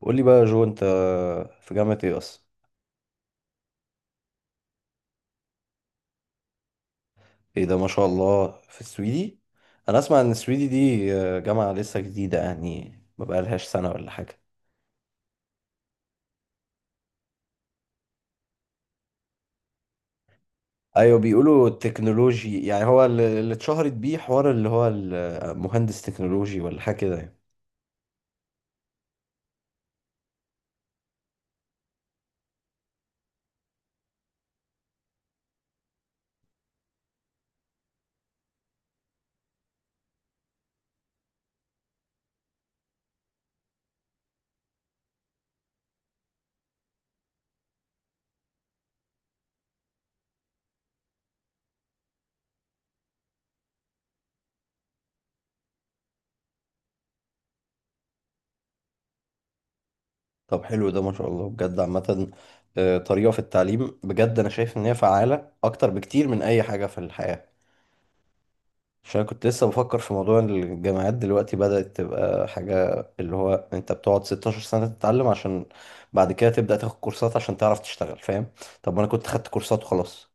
قول لي بقى يا جو انت في جامعة ايه اصلا؟ ايه ده، ما شاء الله، في السويدي. انا اسمع ان السويدي دي جامعة لسه جديدة، يعني ما بقالهاش سنة ولا حاجة. ايوه، بيقولوا التكنولوجي، يعني هو اللي اتشهرت بيه، حوار اللي هو المهندس تكنولوجي ولا حاجة كده يعني. طب حلو ده، ما شاء الله بجد. عامة طريقة في التعليم بجد، انا شايف ان هي فعالة اكتر بكتير من اي حاجة في الحياة. عشان كنت لسه بفكر في موضوع إن الجامعات دلوقتي بدأت تبقى حاجة اللي هو انت بتقعد 16 سنة تتعلم عشان بعد كده تبدأ تاخد كورسات عشان تعرف تشتغل، فاهم؟ طب ما انا كنت خدت كورسات وخلاص.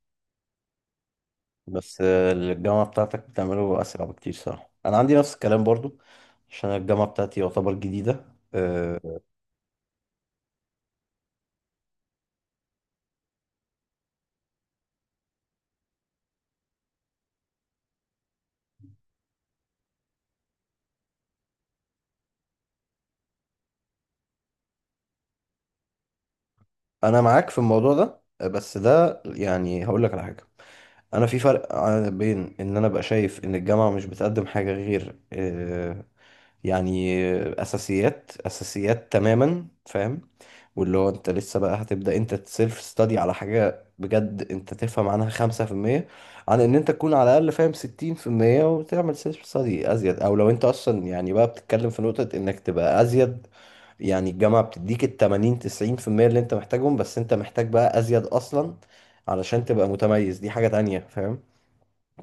بس الجامعة بتاعتك بتعمله أسرع بكتير صراحة. أنا عندي نفس الكلام برضو عشان الجامعة بتاعتي يعتبر جديدة. آه، أنا معاك في الموضوع ده، بس ده يعني هقول لك على حاجة. انا في فرق بين ان انا ابقى شايف ان الجامعه مش بتقدم حاجه غير يعني اساسيات اساسيات تماما، فاهم؟ واللي هو انت لسه بقى هتبدا انت تسيلف ستادي على حاجه بجد انت تفهم عنها 5%، عن ان انت تكون على الاقل فاهم 60% وتعمل سيلف ستادي ازيد. او لو انت اصلا يعني بقى بتتكلم في نقطه انك تبقى ازيد، يعني الجامعه بتديك ال 80 90% اللي انت محتاجهم، بس انت محتاج بقى ازيد اصلا علشان تبقى متميز. دي حاجة تانية، فاهم؟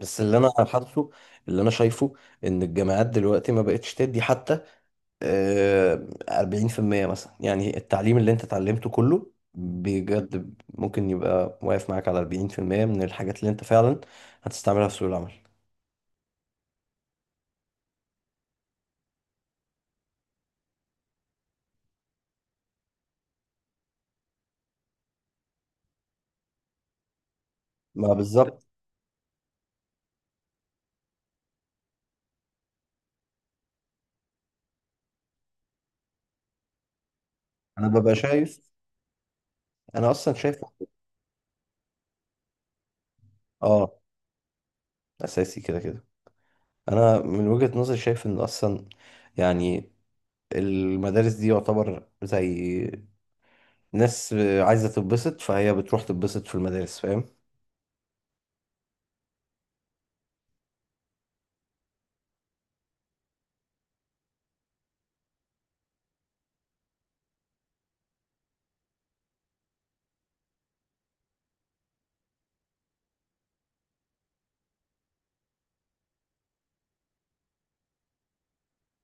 بس اللي انا حاسه، اللي انا شايفه ان الجامعات دلوقتي ما بقتش تدي حتى 40% مثلا. يعني التعليم اللي انت اتعلمته كله بجد ممكن يبقى واقف معاك على 40% من الحاجات اللي انت فعلا هتستعملها في سوق العمل. ما بالظبط. انا ببقى شايف انا اصلا شايف. اه، اساسي كده كده. انا من وجهة نظري شايف ان اصلا يعني المدارس دي يعتبر زي ناس عايزة تتبسط، فهي بتروح تتبسط في المدارس، فاهم؟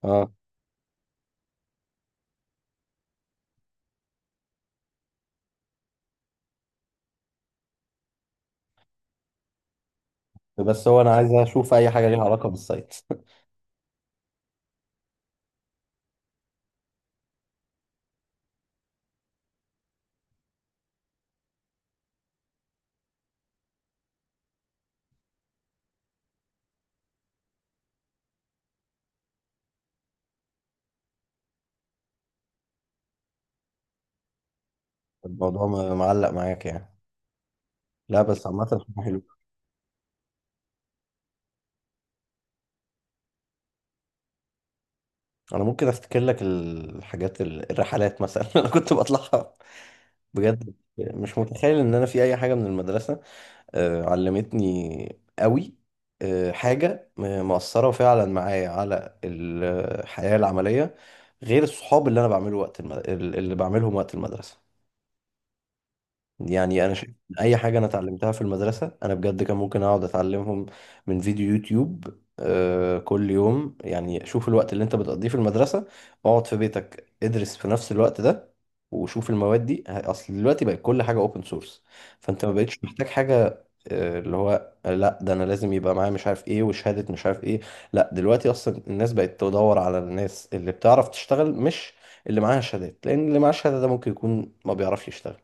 اه، بس هو انا عايز اشوف اي حاجة ليها علاقة بالسايت الموضوع معلق معاك يعني. لا بس عامة حلو. انا ممكن افتكر لك الحاجات الرحلات مثلا انا كنت بطلعها بجد. مش متخيل ان انا في اي حاجة من المدرسة علمتني قوي حاجة مؤثرة فعلا معايا على الحياة العملية، غير الصحاب اللي انا بعمله اللي بعملهم وقت المدرسة. يعني انا شايف إن اي حاجه انا اتعلمتها في المدرسه، انا بجد كان ممكن اقعد اتعلمهم من فيديو يوتيوب كل يوم. يعني شوف الوقت اللي انت بتقضيه في المدرسه، اقعد في بيتك ادرس في نفس الوقت ده، وشوف المواد دي اصل دلوقتي بقت كل حاجه اوبن سورس. فانت ما بقتش محتاج حاجه اللي هو لا، ده انا لازم يبقى معايا مش عارف ايه وشهاده مش عارف ايه. لا، دلوقتي اصلا الناس بقت تدور على الناس اللي بتعرف تشتغل، مش اللي معاها شهادات، لان اللي معاه شهاده ده ممكن يكون ما بيعرفش يشتغل،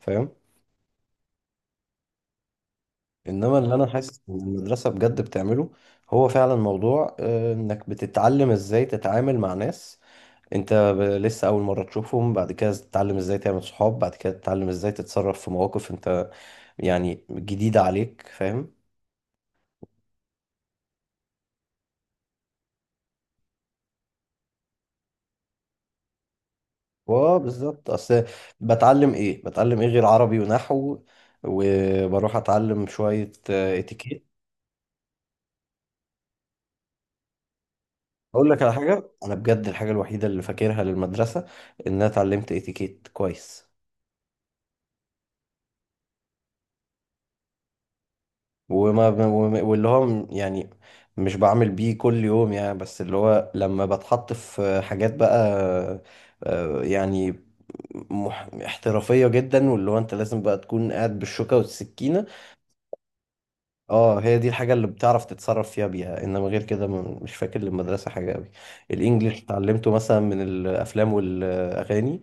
فاهم؟ انما اللي انا حاسس ان المدرسه بجد بتعمله، هو فعلا موضوع انك بتتعلم ازاي تتعامل مع ناس انت لسه اول مره تشوفهم، بعد كده تتعلم ازاي تعمل صحاب، بعد كده تتعلم ازاي تتصرف في مواقف انت يعني جديده عليك، فاهم؟ اه بالظبط. اصل بتعلم ايه، بتعلم ايه غير عربي ونحو؟ وبروح اتعلم شويه اتيكيت. اقول لك على حاجه، انا بجد الحاجه الوحيده اللي فاكرها للمدرسه ان انا اتعلمت اتيكيت كويس. واللي هو يعني مش بعمل بيه كل يوم يعني، بس اللي هو لما بتحط في حاجات بقى يعني احترافية جدا، واللي هو انت لازم بقى تكون قاعد بالشوكة والسكينة. اه، هي دي الحاجة اللي بتعرف تتصرف فيها بيها. انما غير كده مش فاكر للمدرسة حاجة قوي. الانجليش اتعلمته مثلا من الافلام والاغاني.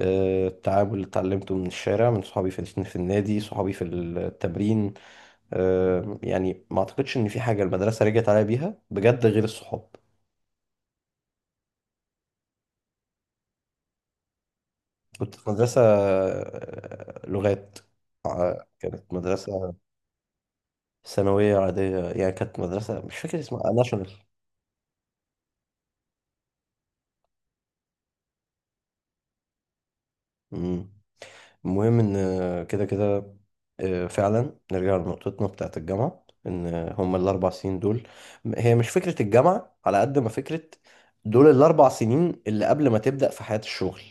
التعامل اللي اتعلمته من الشارع، من صحابي في النادي، صحابي في التمرين. يعني ما اعتقدش ان في حاجه المدرسه رجعت عليا بيها بجد غير الصحاب. كنت في مدرسه لغات. كانت مدرسه ثانويه عاديه يعني. كانت مدرسه مش فاكر اسمها ناشونال. مم. المهم ان كده كده فعلا نرجع لنقطتنا بتاعت الجامعه، ان هما الاربع سنين دول، هي مش فكره الجامعه على قد ما فكره دول الاربع سنين اللي قبل ما تبدا في حياه الشغل.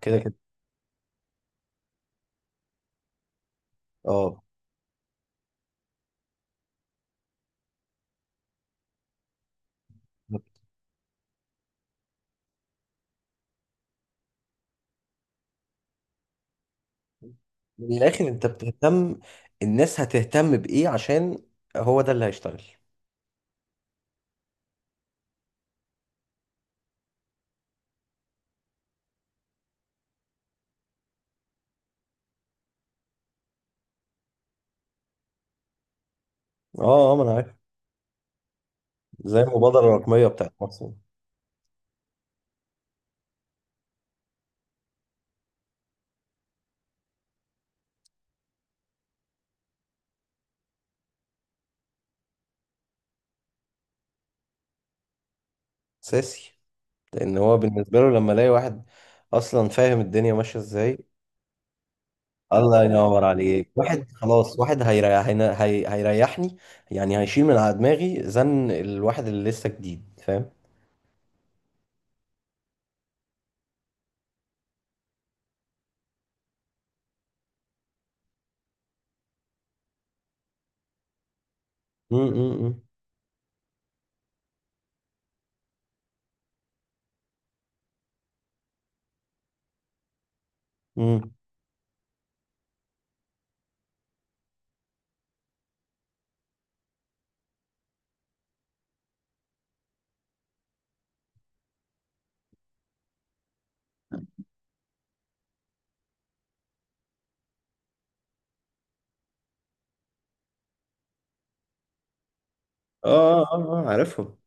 كده كده. اه. من الاخر انت بتهتم الناس هتهتم بايه، عشان هو ده اللي هيشتغل. اه، اه، ما انا عارف، زي المبادره الرقميه بتاعت مصر. اساسي، لان هو بالنسبه له لما الاقي واحد اصلا فاهم الدنيا ماشيه ازاي. الله ينور عليك. واحد خلاص، واحد هيريح، هيريحني، يعني هيشيل من على دماغي زن الواحد اللي لسه جديد، فاهم؟ امم، امم. امم، اه، اه، اه، عارفهم.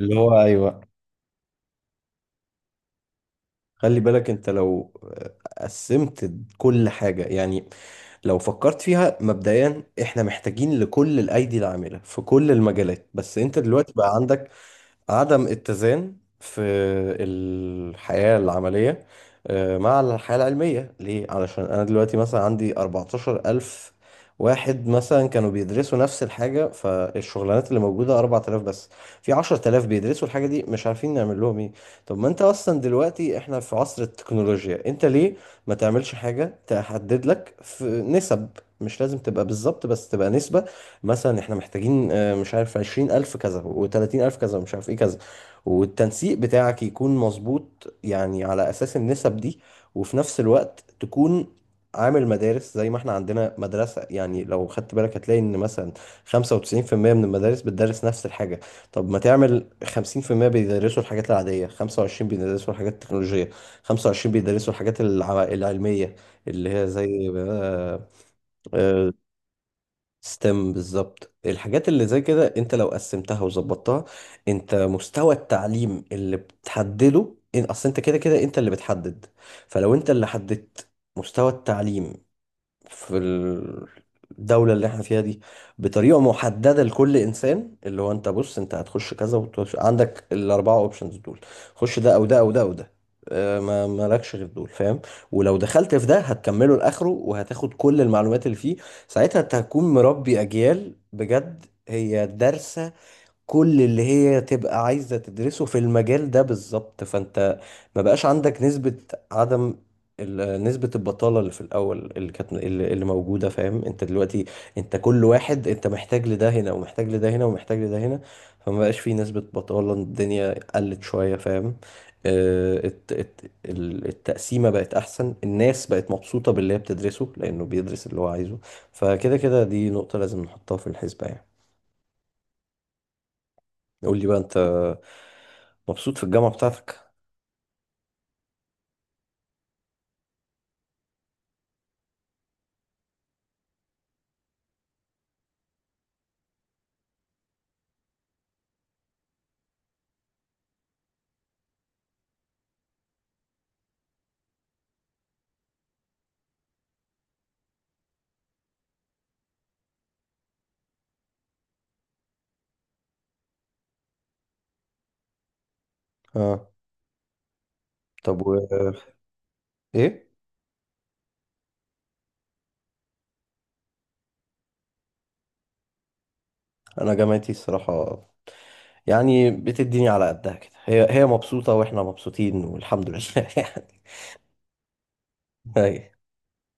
اللي هو ايوه. خلي بالك انت لو قسمت كل حاجة. يعني لو فكرت فيها مبدئيا، احنا محتاجين لكل الايدي العاملة في كل المجالات، بس انت دلوقتي بقى عندك عدم اتزان في الحياة العملية مع الحياة العلمية. ليه؟ علشان أنا دلوقتي مثلا عندي 14,000 واحد مثلا كانوا بيدرسوا نفس الحاجة، فالشغلانات اللي موجودة 4,000 بس، في 10,000 بيدرسوا الحاجة دي مش عارفين نعمل لهم ايه. طب ما انت اصلا دلوقتي احنا في عصر التكنولوجيا، انت ليه ما تعملش حاجة تحدد لك في نسب؟ مش لازم تبقى بالظبط، بس تبقى نسبة. مثلا احنا محتاجين مش عارف 20,000 كذا و30,000 كذا ومش عارف ايه كذا، والتنسيق بتاعك يكون مظبوط يعني على أساس النسب دي. وفي نفس الوقت تكون عامل مدارس زي ما احنا عندنا مدرسة. يعني لو خدت بالك هتلاقي ان مثلا 95% من المدارس بتدرس نفس الحاجة. طب ما تعمل 50% بيدرسوا الحاجات العادية، 25 بيدرسوا الحاجات التكنولوجية، 25 بيدرسوا الحاجات العلمية، اللي هي زي آه، ستيم بالظبط. الحاجات اللي زي كده انت لو قسمتها وظبطتها، انت مستوى التعليم اللي بتحدده. ان اصل انت كده كده انت اللي بتحدد. فلو انت اللي حددت مستوى التعليم في الدولة اللي احنا فيها دي بطريقة محددة لكل انسان، اللي هو انت بص انت هتخش كذا وتخش عندك الاربعة اوبشنز دول، خش ده او ده او ده او ده، ما مالكش غير دول، فاهم؟ ولو دخلت في ده هتكمله لاخره، وهتاخد كل المعلومات اللي فيه. ساعتها انت هتكون مربي اجيال بجد هي دارسة كل اللي هي تبقى عايزة تدرسه في المجال ده بالظبط. فانت ما بقاش عندك نسبة عدم نسبة البطالة اللي في الأول اللي كانت اللي موجودة، فاهم؟ انت دلوقتي انت كل واحد انت محتاج لده هنا ومحتاج لده هنا ومحتاج لده هنا. فما بقاش في نسبة بطالة. الدنيا قلت شوية، فاهم؟ التقسيمة بقت أحسن. الناس بقت مبسوطة باللي هي بتدرسه لأنه بيدرس اللي هو عايزه. فكده كده دي نقطة لازم نحطها في الحسبة يعني. قول لي بقى انت، مبسوط في الجامعة بتاعتك؟ اه. طب و ايه؟ انا جامعتي الصراحة يعني بتديني على قدها كده. هي هي مبسوطة واحنا مبسوطين، والحمد لله يعني.